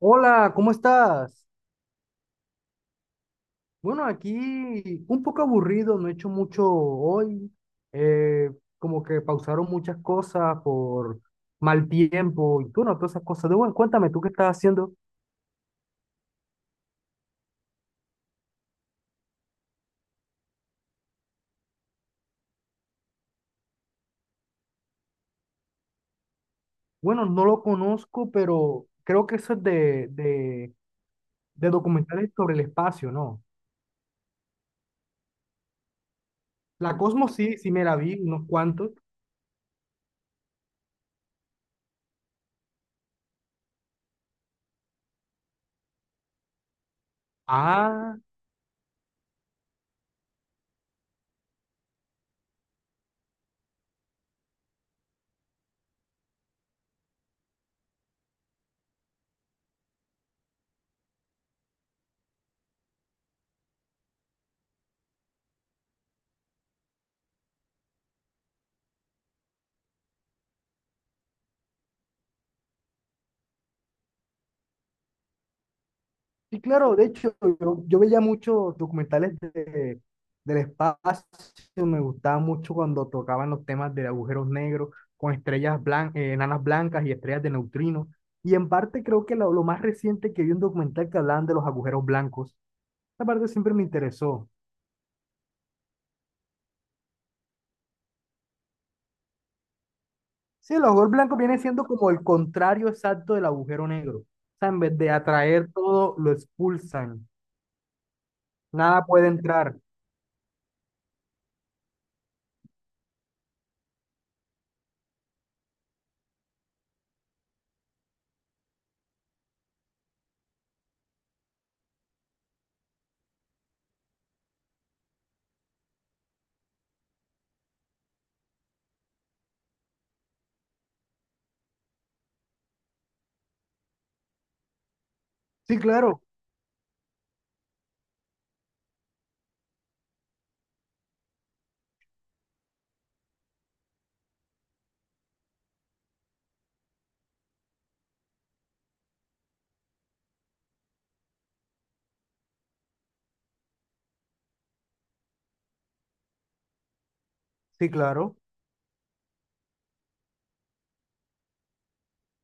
Hola, ¿cómo estás? Bueno, aquí un poco aburrido, no he hecho mucho hoy. eh, Como que pausaron muchas cosas por mal tiempo y tú, no, todas esas cosas. De, bueno, cuéntame, ¿tú qué estás haciendo? Bueno, no lo conozco, pero creo que eso es de documentales sobre el espacio, ¿no? La Cosmos sí, sí me la vi, unos cuantos. Ah, sí, claro, de hecho, yo veía muchos documentales del espacio, me gustaba mucho cuando tocaban los temas de agujeros negros con estrellas blancas, enanas blancas y estrellas de neutrinos. Y en parte creo que lo más reciente que vi un documental que hablaban de los agujeros blancos. Esa parte siempre me interesó. Sí, el agujero blanco viene siendo como el contrario exacto del agujero negro. O sea, en vez de atraer todo, lo expulsan. Nada puede entrar. Sí, claro, sí, claro.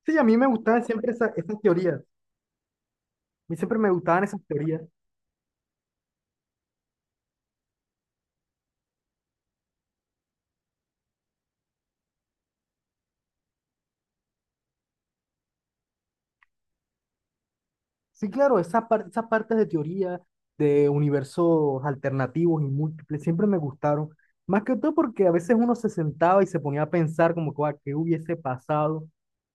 Sí, a mí me gustaban siempre esas teorías. Mí siempre me gustaban esas teorías. Sí, claro, esas partes de teoría, de universos alternativos y múltiples, siempre me gustaron. Más que todo porque a veces uno se sentaba y se ponía a pensar como que, "Guau, qué hubiese pasado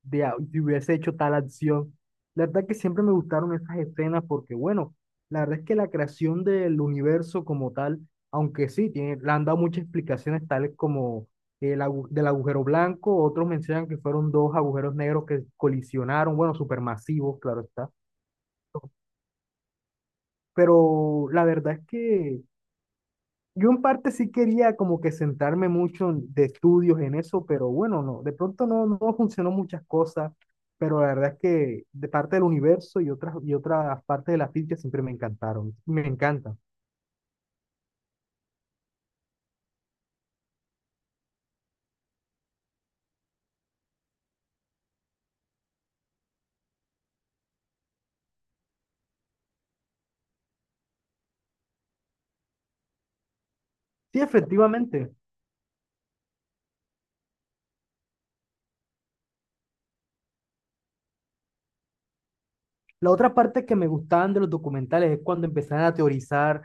si hubiese hecho tal acción. La verdad que siempre me gustaron esas escenas porque, bueno, la verdad es que la creación del universo como tal, aunque sí, tiene, le han dado muchas explicaciones tales como del agujero blanco, otros mencionan que fueron dos agujeros negros que colisionaron, bueno, supermasivos, claro está. Pero la verdad es que yo en parte sí quería como que centrarme mucho de estudios en eso, pero bueno, no, de pronto no, no funcionó muchas cosas, pero la verdad es que de parte del universo y otras partes de la física siempre me encantaron, me encantan. Sí, efectivamente. La otra parte que me gustaban de los documentales es cuando empezaron a teorizar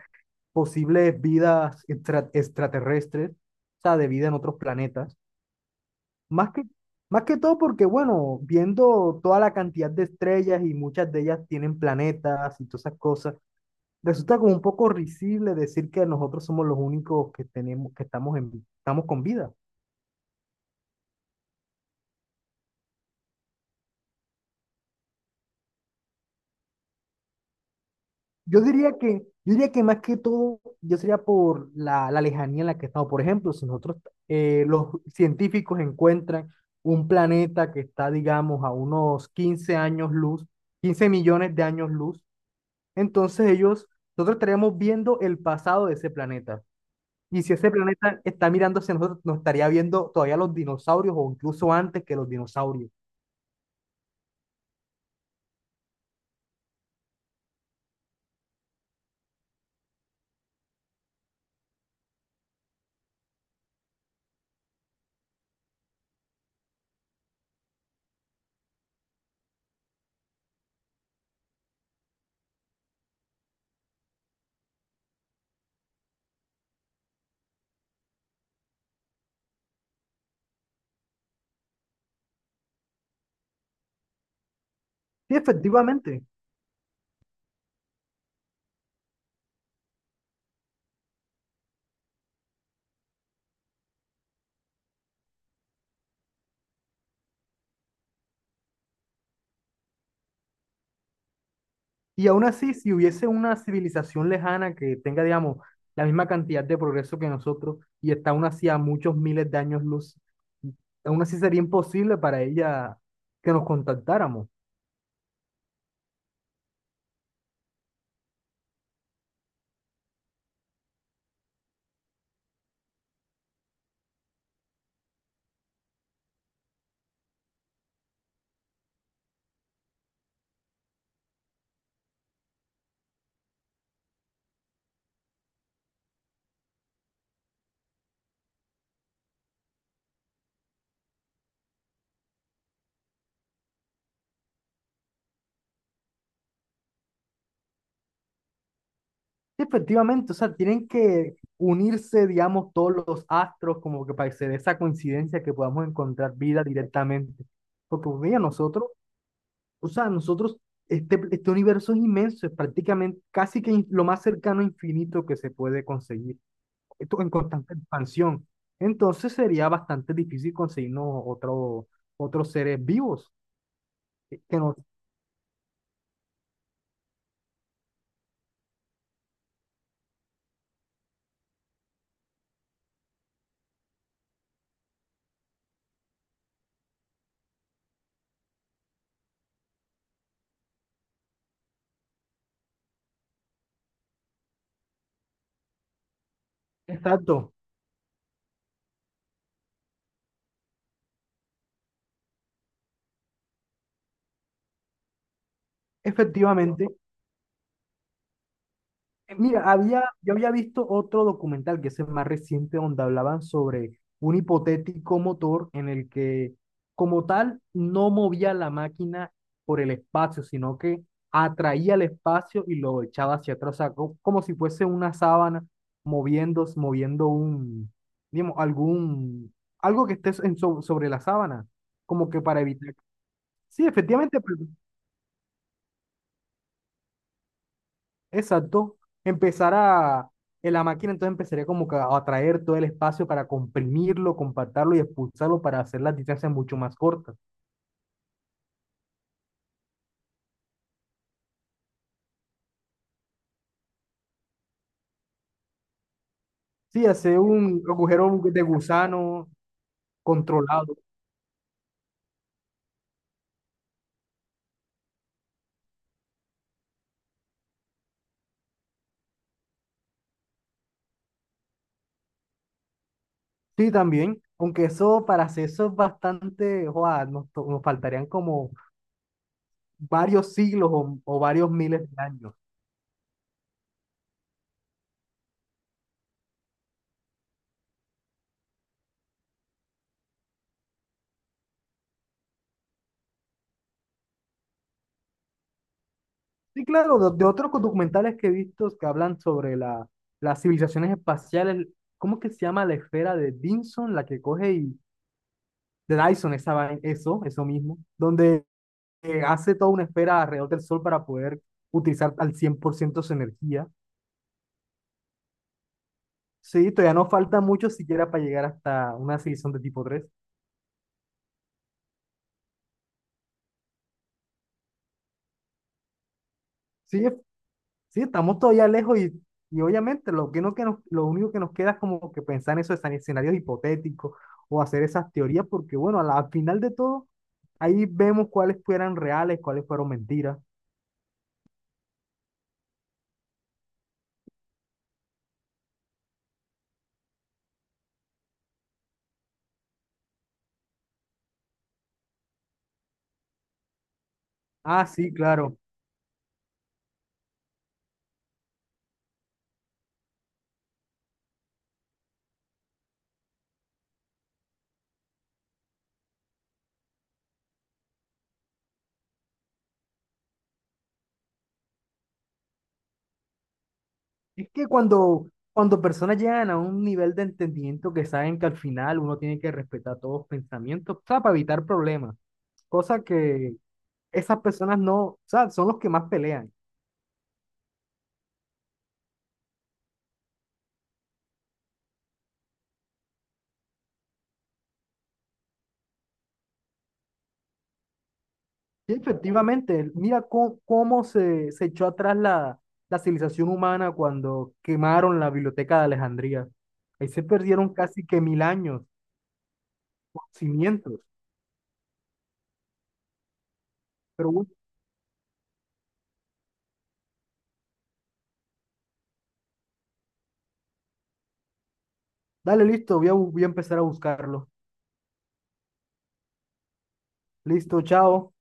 posibles vidas extraterrestres, o sea, de vida en otros planetas. Más que, más que todo porque, bueno, viendo toda la cantidad de estrellas y muchas de ellas tienen planetas y todas esas cosas, resulta como un poco risible decir que nosotros somos los únicos que tenemos, que estamos en, estamos con vida. Yo diría que, yo diría que más que todo, yo sería por la lejanía en la que estamos. Por ejemplo, si nosotros, los científicos encuentran un planeta que está, digamos, a unos 15 años luz, 15 millones de años luz. Entonces ellos, nosotros estaríamos viendo el pasado de ese planeta. Y si ese planeta está mirando hacia nosotros, nos estaría viendo todavía los dinosaurios o incluso antes que los dinosaurios. Sí, efectivamente. Y aún así, si hubiese una civilización lejana que tenga, digamos, la misma cantidad de progreso que nosotros y está aún así a muchos miles de años luz, aún así sería imposible para ella que nos contactáramos. Sí, efectivamente, o sea, tienen que unirse, digamos, todos los astros como que para hacer esa coincidencia que podamos encontrar vida directamente. Porque, pues, mira, nosotros, o sea, nosotros, este universo es inmenso, es prácticamente casi que lo más cercano a infinito que se puede conseguir. Esto en constante expansión. Entonces sería bastante difícil conseguirnos otros seres vivos. Que nos... Exacto, efectivamente. Mira, yo había visto otro documental que es el más reciente donde hablaban sobre un hipotético motor en el que como tal no movía la máquina por el espacio, sino que atraía el espacio y lo echaba hacia atrás, o sea, como si fuese una sábana moviendo, moviendo un, digamos, algo que esté sobre la sábana, como que para evitar. Sí, efectivamente, pues, exacto. Empezar a, en la máquina entonces empezaría como que a atraer todo el espacio para comprimirlo, compactarlo y expulsarlo para hacer las distancias mucho más cortas. Sí, hacer un agujero de gusano controlado. Sí, también. Aunque eso, para hacer eso es bastante, joa, nos, nos faltarían como varios siglos o varios miles de años. Sí, claro, de otros documentales que he visto que hablan sobre las civilizaciones espaciales, ¿cómo es que se llama la esfera de Vinson, la que coge y de Dyson, eso, eso mismo, donde hace toda una esfera alrededor del sol para poder utilizar al 100% su energía. Sí, todavía nos falta mucho siquiera para llegar hasta una civilización de tipo 3. Sí, sí, estamos todavía lejos y obviamente lo que no que nos, lo único que nos queda es como que pensar en esos escenarios hipotéticos o hacer esas teorías, porque bueno, al final de todo, ahí vemos cuáles fueran reales, cuáles fueron mentiras. Ah, sí, claro. Es que cuando personas llegan a un nivel de entendimiento que saben que al final uno tiene que respetar todos los pensamientos, o sea, para evitar problemas, cosa que esas personas no, o sea, son los que más pelean. Y efectivamente, mira cómo se echó atrás la civilización humana cuando quemaron la biblioteca de Alejandría. Ahí se perdieron casi que 1.000 años, cimientos. Pero bueno, dale, listo, voy a voy a empezar a buscarlo. Listo, chao.